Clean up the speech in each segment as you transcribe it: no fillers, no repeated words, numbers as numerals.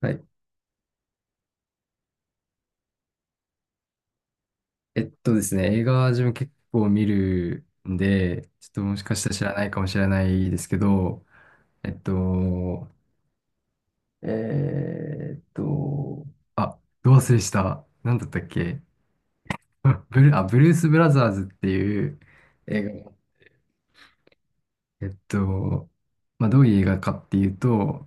はい。ですね、映画は自分結構見るんで、ちょっともしかしたら知らないかもしれないですけど、えっと、えーっと、あ、どう忘れした。なんだったっけ？あ ブルース・ブラザーズっていう映画。えっと、まあ、どういう映画かっていうと、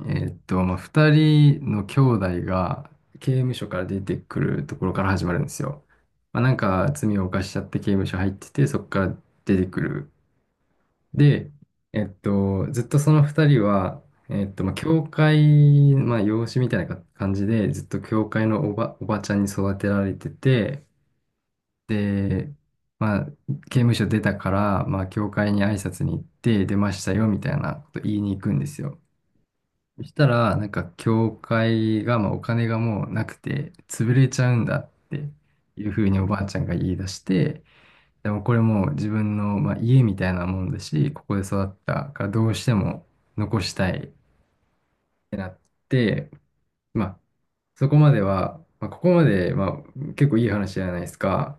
まあ、二人の兄弟が刑務所から出てくるところから始まるんですよ。まあ、なんか罪を犯しちゃって刑務所入ってて、そこから出てくる。で、ずっとその二人は、まあ、教会、まあ、養子みたいな感じで、ずっと教会のおばちゃんに育てられてて、で、まあ、刑務所出たから、まあ、教会に挨拶に行って出ましたよみたいなこと言いに行くんですよ。そしたら、なんか、教会が、まあ、お金がもうなくて、潰れちゃうんだっていうふうにおばあちゃんが言い出して、でもこれもう自分の、まあ、家みたいなもんだし、ここで育ったからどうしても残したいってなって、まあ、そこまでは、まあ、ここまで、まあ、結構いい話じゃないですか。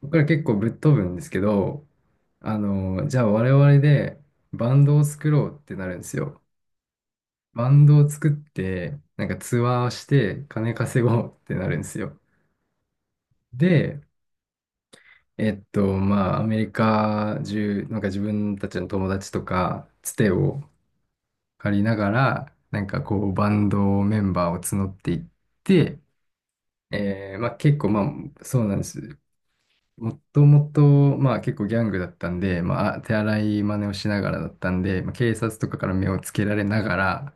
ここから結構ぶっ飛ぶんですけど、あの、じゃあ我々でバンドを作ろうってなるんですよ。バンドを作って、なんかツアーをして金稼ごうってなるんですよ。で、まあ、アメリカ中、なんか自分たちの友達とか、つてを借りながら、なんかこう、バンドメンバーを募っていって、まあ結構、まあ、そうなんです。もともと、まあ結構ギャングだったんで、まあ手荒い真似をしながらだったんで、まあ、警察とかから目をつけられながら、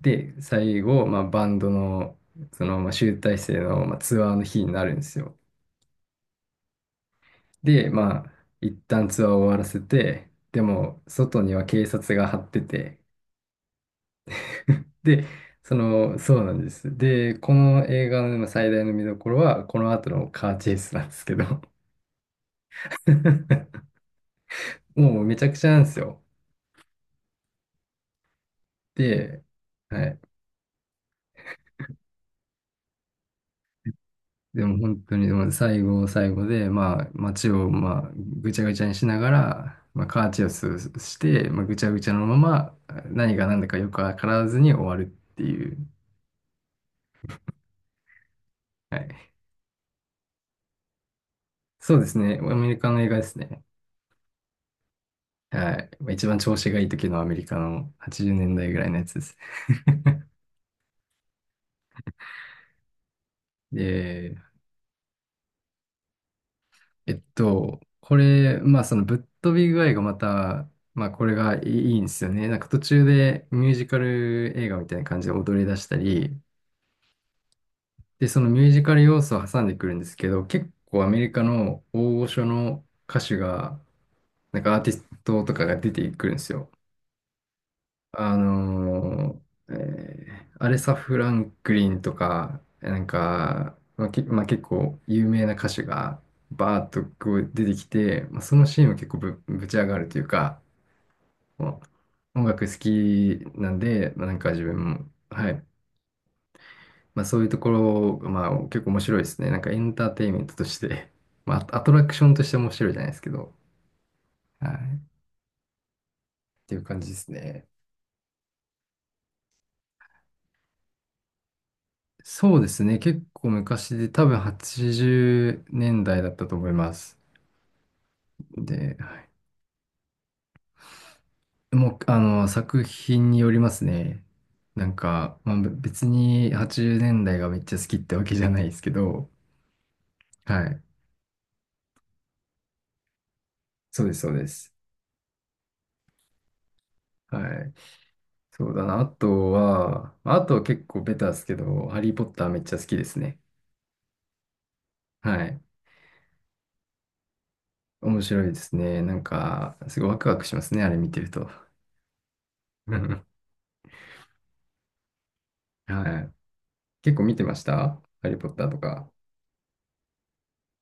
で、最後、まあ、バンドの、その、まあ、集大成の、まあ、ツアーの日になるんですよ。で、まあ、一旦ツアーを終わらせて、でも、外には警察が張ってて、で、その、そうなんです。で、この映画のまあ最大の見どころは、この後のカーチェイスなんですけど、もうめちゃくちゃなんですよ。で、はい。でも本当に、でも最後で、まあ、街を、まあ、ぐちゃぐちゃにしながら、まあ、カーチェイスして、まあ、ぐちゃぐちゃのまま、何が何だかよくわからずに終わるっていう。はい。そうですね。アメリカの映画ですね。はい。まあ一番調子がいい時のアメリカの80年代ぐらいのやつです。で、これ、まあそのぶっ飛び具合がまた、まあこれがいいいいんですよね。なんか途中でミュージカル映画みたいな感じで踊り出したり、で、そのミュージカル要素を挟んでくるんですけど、結構アメリカの大御所の歌手が、なんかアーティストとかが出てくるんですよ。あのアレサ・フランクリンとか、なんか、まあ、まあ、結構有名な歌手がバーッとこう出てきて、まあ、そのシーンは結構ぶち上がるというか、もう音楽好きなんで、まあ、なんか自分も、はい、まあ、そういうところまあ、結構面白いですね。なんかエンターテインメントとして、まあ、アトラクションとして面白いじゃないですけど、はい。っていう感じですね。そうですね。結構昔で、多分80年代だいだったと思います。で、もう、あの、作品によりますね。なんか、まあ、別に80年代がめっちゃ好きってわけじゃないですけど、はい。そうです、そうです。はい。そうだな。あとは、まああとは結構ベタですけど、ハリー・ポッターめっちゃ好きですね。はい。面白いですね。なんか、すごいワクワクしますね、あれ見てると。うん。はい。結構見てましたハリー・ポッターとか。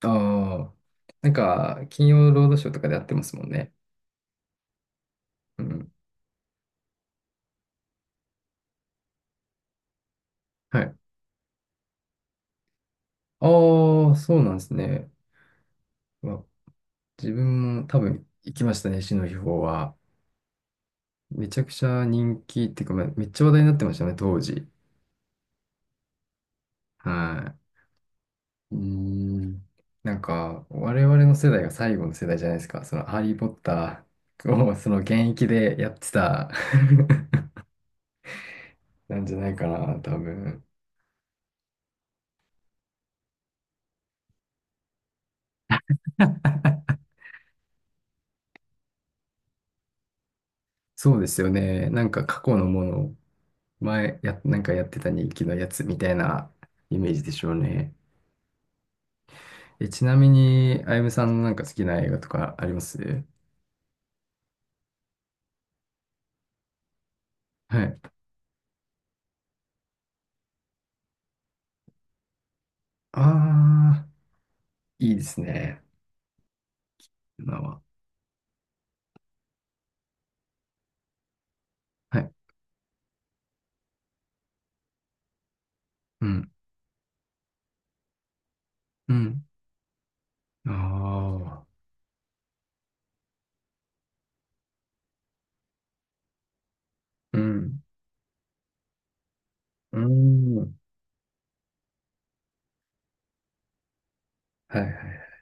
ああ。なんか、金曜ロードショーとかでやってますもんね。うん。はい。ああ、そうなんですね。わ自分も多分行きましたね、死の秘宝は。めちゃくちゃ人気っていうか、まあめっちゃ話題になってましたね、当時。はい。うーん。なんか、我々の世代が最後の世代じゃないですか。その、ハリー・ポッターを、その、現役でやってた なんじゃないかな、多分。そうですよね。なんか、過去のもの、なんかやってた人気のやつみたいなイメージでしょうね。え、ちなみに、あゆむさんのなんか好きな映画とかあります？はい。ああ、いいですね。今は。はい。うん。うん。ああ。うん。うん。はいはい。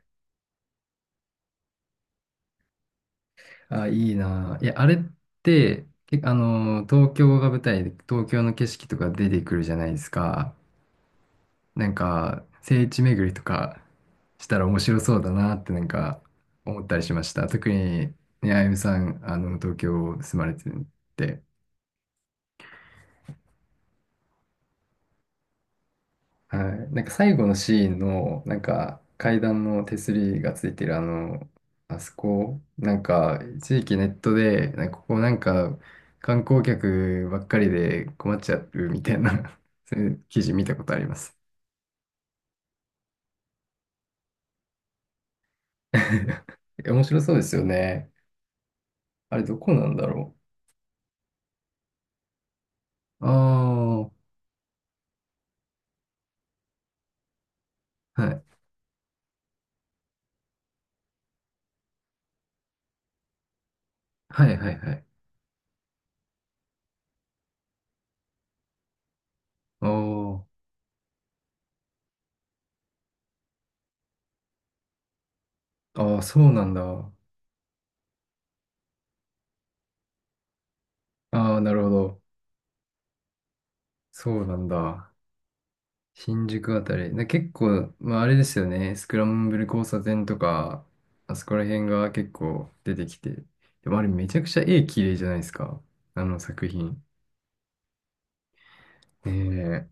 あ、いいなぁ。いや、あれって、け、あのー、東京が舞台で、東京の景色とか出てくるじゃないですか。なんか、聖地巡りとかしたら面白そうだなってなんか思ったりしました。特に、ね、あゆむさん、あの、東京住まれてて。はい。なんか最後のシーンの、なんか階段の手すりがついてるあの、あそこ、なんか一時期ネットで、なんかここなんか観光客ばっかりで困っちゃうみたいな そういう記事見たことあります。面白そうですよね。あれどこなんだろう。ああ、はい。はいはいはい。ああ、ああ、そうなんだ。ああ、なるほど。そうなんだ。新宿あたり。結構、まああれですよね。スクランブル交差点とか、あそこら辺が結構出てきて。でもあれめちゃくちゃ絵綺麗じゃないですか。あの作品。ねえ。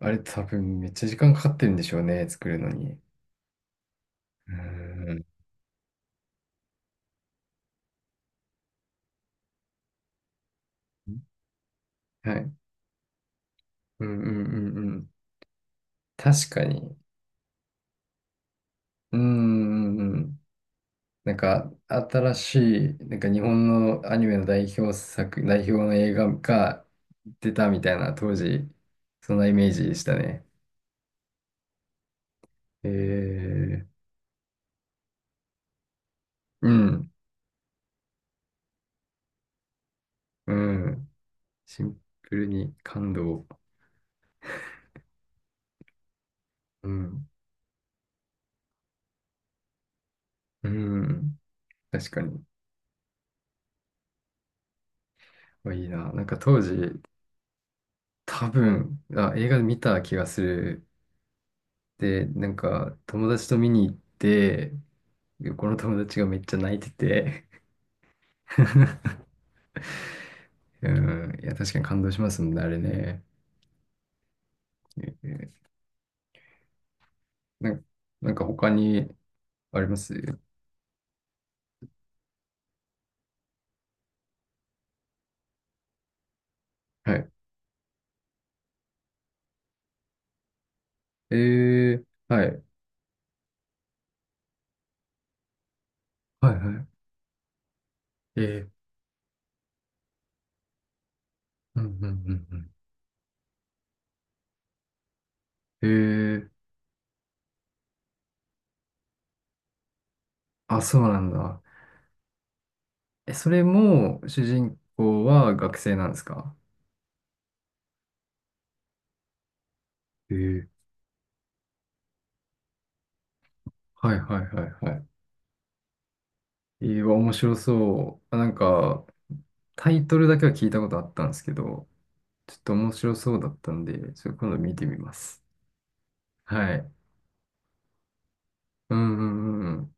あれ多分めっちゃ時間かかってるんでしょうね。作るのに。うーん。はい。うんうんうんうん。確かに。うんうんうん。なんか、新しい、なんか日本のアニメの代表作、代表の映画が出たみたいな、当時、そんなイメージでしたね。えー、うん、うん。シンプルに感動。うん、うん。確かに。いいな。なんか当時、多分、あ、映画見た気がする。で、なんか、友達と見に行って、この友達がめっちゃ泣いてて うん。いや、確かに感動しますもんね、あれね。えーなんなんか他にあります？はい。えはい。はいはい。ー、うんうんうんうん。あ、そうなんだ。え、それも主人公は学生なんですか？えー、はいはいはいはい。わ面白そう。あ、なんか、タイトルだけは聞いたことあったんですけど、ちょっと面白そうだったんで、それ今度見てみます。はい。うんうんうんうん。